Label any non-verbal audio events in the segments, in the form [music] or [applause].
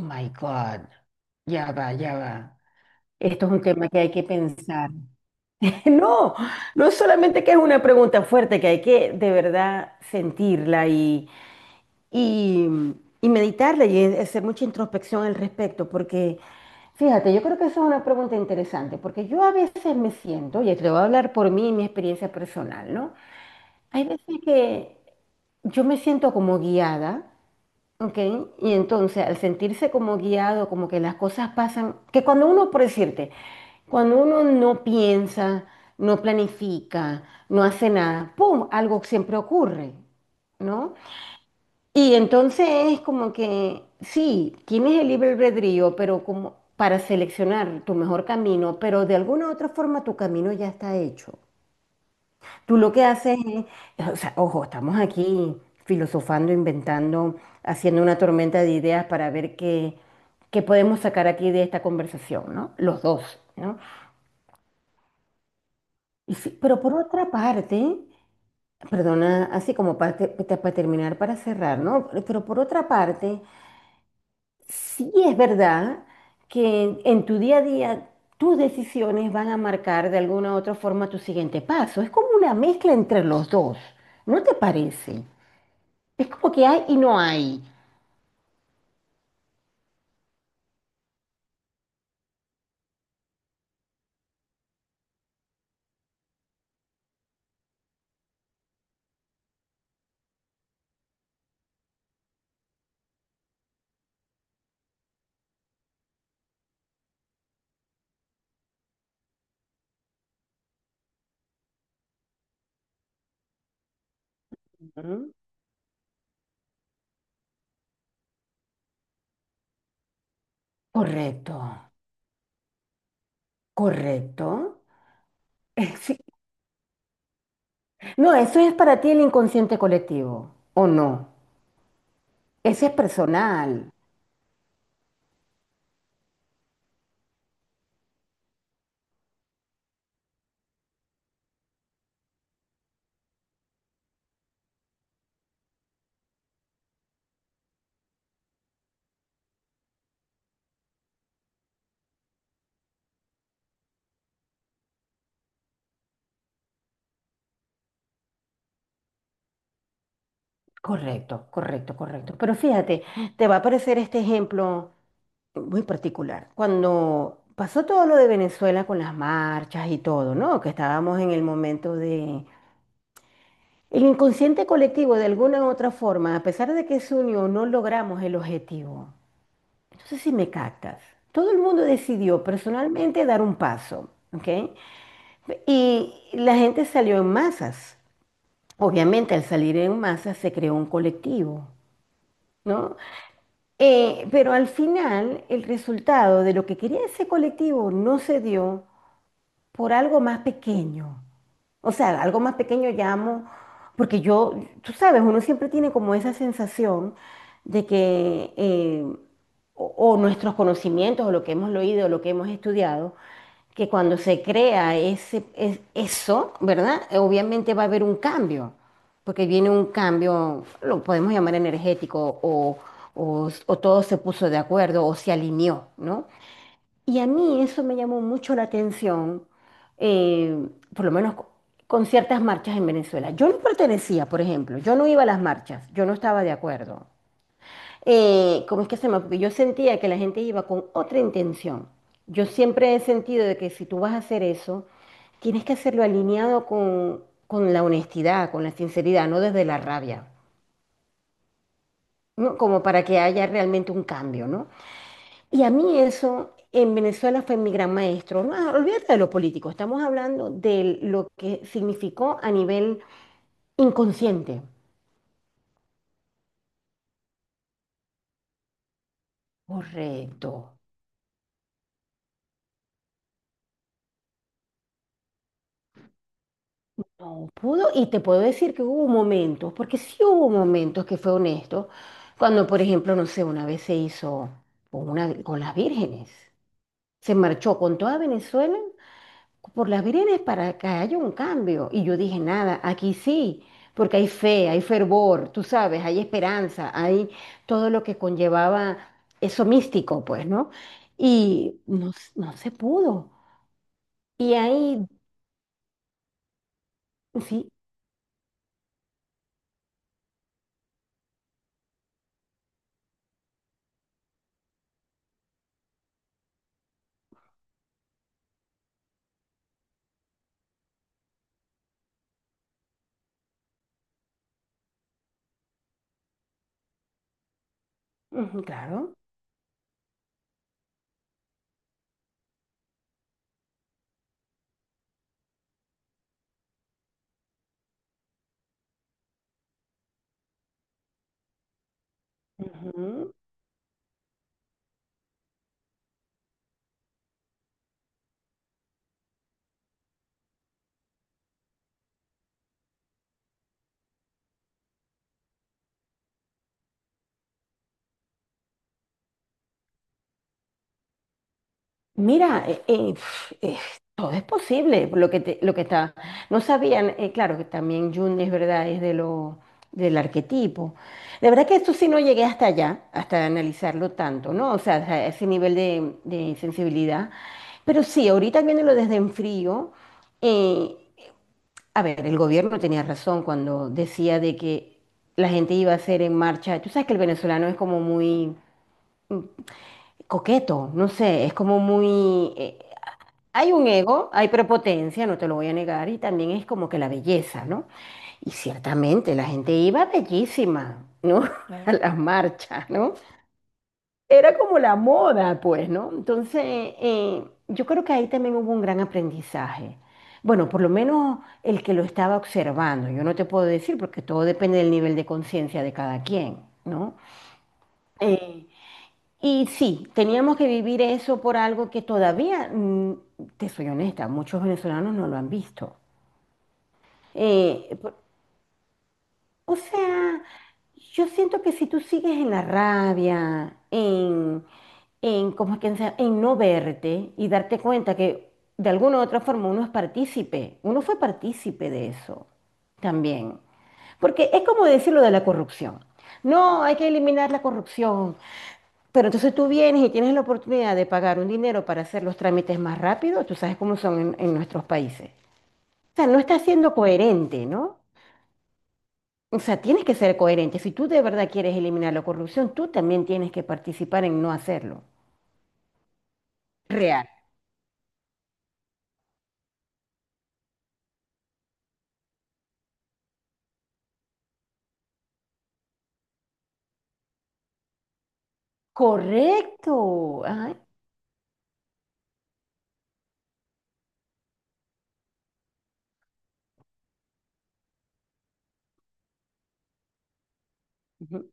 My God, ya va, ya va. Esto es un tema que hay que pensar. [laughs] No, no solamente que es una pregunta fuerte, que hay que de verdad sentirla y, y meditarla y hacer mucha introspección al respecto, porque fíjate, yo creo que eso es una pregunta interesante, porque yo a veces me siento, y te voy a hablar por mí y mi experiencia personal, ¿no? Hay veces que yo me siento como guiada. Ok, y entonces al sentirse como guiado, como que las cosas pasan, que cuando uno, por decirte, cuando uno no piensa, no planifica, no hace nada, ¡pum! Algo siempre ocurre, ¿no? Y entonces es como que, sí, tienes el libre albedrío, pero como para seleccionar tu mejor camino, pero de alguna u otra forma tu camino ya está hecho. Tú lo que haces es, o sea, ojo, estamos aquí filosofando, inventando, haciendo una tormenta de ideas para ver qué podemos sacar aquí de esta conversación, ¿no? Los dos, ¿no? Y sí, pero por otra parte, perdona, así como para, para terminar, para cerrar, ¿no? Pero por otra parte, sí es verdad que en tu día a día tus decisiones van a marcar de alguna u otra forma tu siguiente paso. Es como una mezcla entre los dos, ¿no te parece? Es como que hay y no hay. Ujú. Correcto, correcto. [laughs] Sí. No, eso es para ti el inconsciente colectivo, ¿o no? Ese es personal. Correcto, correcto, correcto. Pero fíjate, te va a aparecer este ejemplo muy particular. Cuando pasó todo lo de Venezuela con las marchas y todo, ¿no? Que estábamos en el momento de... El inconsciente colectivo, de alguna u otra forma, a pesar de que se unió, no logramos el objetivo. No sé si me captas. Todo el mundo decidió personalmente dar un paso, ¿ok? Y la gente salió en masas. Obviamente, al salir en masas se creó un colectivo, ¿no? Pero al final, el resultado de lo que quería ese colectivo no se dio por algo más pequeño. O sea, algo más pequeño llamo, porque yo, tú sabes, uno siempre tiene como esa sensación de que o nuestros conocimientos, o lo que hemos leído, o lo que hemos estudiado, que cuando se crea ese, es- eso, ¿verdad? Obviamente va a haber un cambio, porque viene un cambio, lo podemos llamar energético, o todo se puso de acuerdo, o se alineó, ¿no? Y a mí eso me llamó mucho la atención, eh, por lo menos co- con ciertas marchas en Venezuela. Yo no pertenecía, por ejemplo, yo no iba a las marchas, yo no estaba de acuerdo. ¿Cómo es que se llama? Porque yo sentía que la gente iba con otra intención. Yo siempre he sentido de que si tú vas a hacer eso, tienes que hacerlo alineado con la honestidad, con la sinceridad, no desde la rabia, ¿no? Como para que haya realmente un cambio, ¿no? Y a mí eso en Venezuela fue mi gran maestro. No, ah, olvídate de lo político, estamos hablando de lo que significó a nivel inconsciente. Correcto. No pudo, y te puedo decir que hubo momentos, porque sí hubo momentos que fue honesto, cuando, por ejemplo, no sé, una vez se hizo con, una, con las vírgenes, se marchó con toda Venezuela por las veredas para que haya un cambio. Y yo dije, nada, aquí sí, porque hay fe, hay fervor, tú sabes, hay esperanza, hay todo lo que conllevaba eso místico, pues, ¿no? Y no, s- no se pudo. Y ahí, sí, ujú, claro. Ujú. Mira, pf, todo es posible, lo que, te- lo que está. No sabían, claro que también Jung es verdad, es de lo, del arquetipo. De verdad que esto sí no llegué hasta allá, hasta analizarlo tanto, ¿no? O sea, a ese nivel de sensibilidad. Pero sí, ahorita viéndolo desde en frío, eh, a ver, el gobierno tenía razón cuando decía de que la gente iba a hacer en marcha. Tú sabes que el venezolano es como muy coqueto, no sé, es como muy... hay un ego, hay prepotencia, no te lo voy a negar, y también es como que la belleza, ¿no? Y ciertamente la gente iba bellísima, ¿no? [laughs] A Claro. Las marchas, ¿no? Era como la moda, pues, ¿no? Entonces, yo creo que ahí también hubo un gran aprendizaje. Bueno, por lo menos el que lo estaba observando, yo no te puedo decir porque todo depende del nivel de conciencia de cada quien, ¿no? Eh, y sí, teníamos que vivir eso por algo que todavía, te soy honesta, muchos venezolanos no lo han visto. Por- o sea, yo siento que si tú sigues en la rabia, en, ¿cómo es que se llama? En no verte y darte cuenta que de alguna u otra forma uno es partícipe, uno fue partícipe de eso también. Porque es como decir lo de la corrupción. No, hay que eliminar la corrupción. Pero entonces tú vienes y tienes la oportunidad de pagar un dinero para hacer los trámites más rápido, tú sabes cómo son en nuestros países. O sea, no estás siendo coherente, ¿no? O sea, tienes que ser coherente. Si tú de verdad quieres eliminar la corrupción, tú también tienes que participar en no hacerlo. Real. Correcto. Ay, ujú.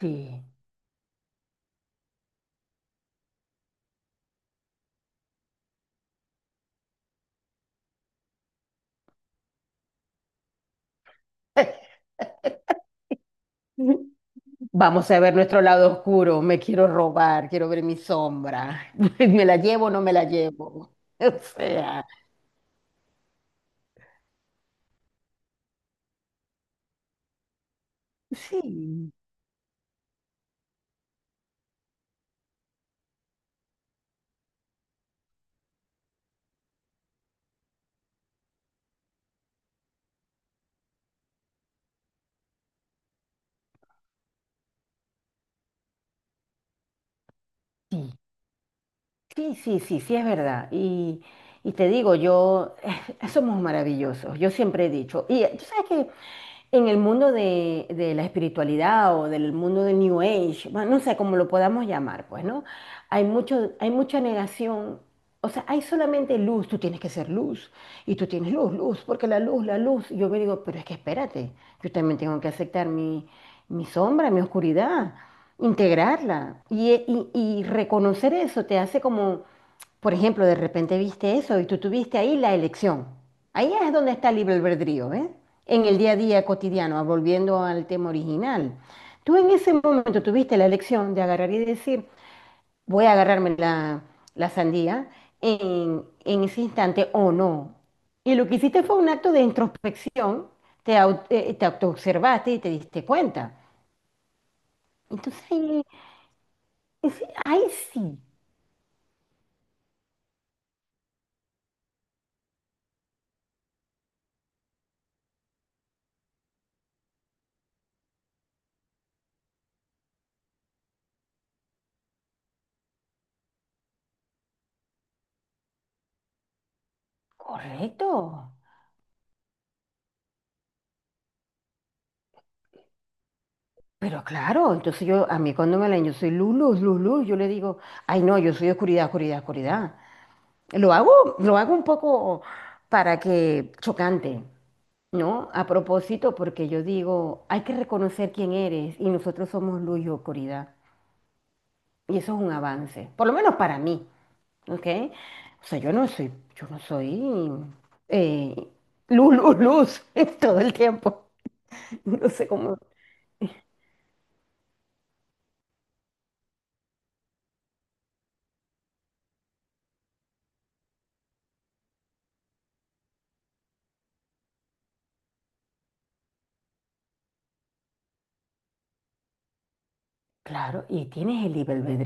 Sí. [laughs] Vamos a ver nuestro lado oscuro. Me quiero robar, quiero ver mi sombra. [laughs] ¿Me la llevo o no me la llevo? [laughs] O sea, sí. Sí, sí, sí, sí, sí, es verdad. Y te digo, yo, [laughs] somos maravillosos, yo siempre he dicho. Y tú sabes que en el mundo de la espiritualidad o del mundo del New Age, bueno, no sé cómo lo podamos llamar, pues, ¿no? Hay mucho, hay mucha negación. O sea, hay solamente luz, tú tienes que ser luz. Y tú tienes luz, luz, porque la luz, la luz. Y yo me digo, pero es que espérate, yo también tengo que aceptar mi, mi sombra, mi oscuridad integrarla y reconocer eso te hace como, por ejemplo, de repente viste eso y tú tuviste ahí la elección. Ahí es donde está el libre albedrío, ¿eh? En el día a día cotidiano, volviendo al tema original. Tú en ese momento tuviste la elección de agarrar y decir, voy a agarrarme la, la sandía en ese instante o no. Y lo que hiciste fue un acto de introspección, te, te autoobservaste y te diste cuenta. Entonces, es- ay, sí, correcto. Pero claro, entonces yo, a mí cuando me leen, yo soy luz, luz, luz, luz, yo le digo, ay, no, yo soy oscuridad, oscuridad, oscuridad. Lo hago, lo hago un poco para que chocante, ¿no? A propósito, porque yo digo, hay que reconocer quién eres y nosotros somos luz y oscuridad. Y eso es un avance, por lo menos para mí, ¿ok? O sea, yo no soy eh, luz, luz, luz [laughs] todo el tiempo. No sé cómo. Claro, y tienes el libre albedrío.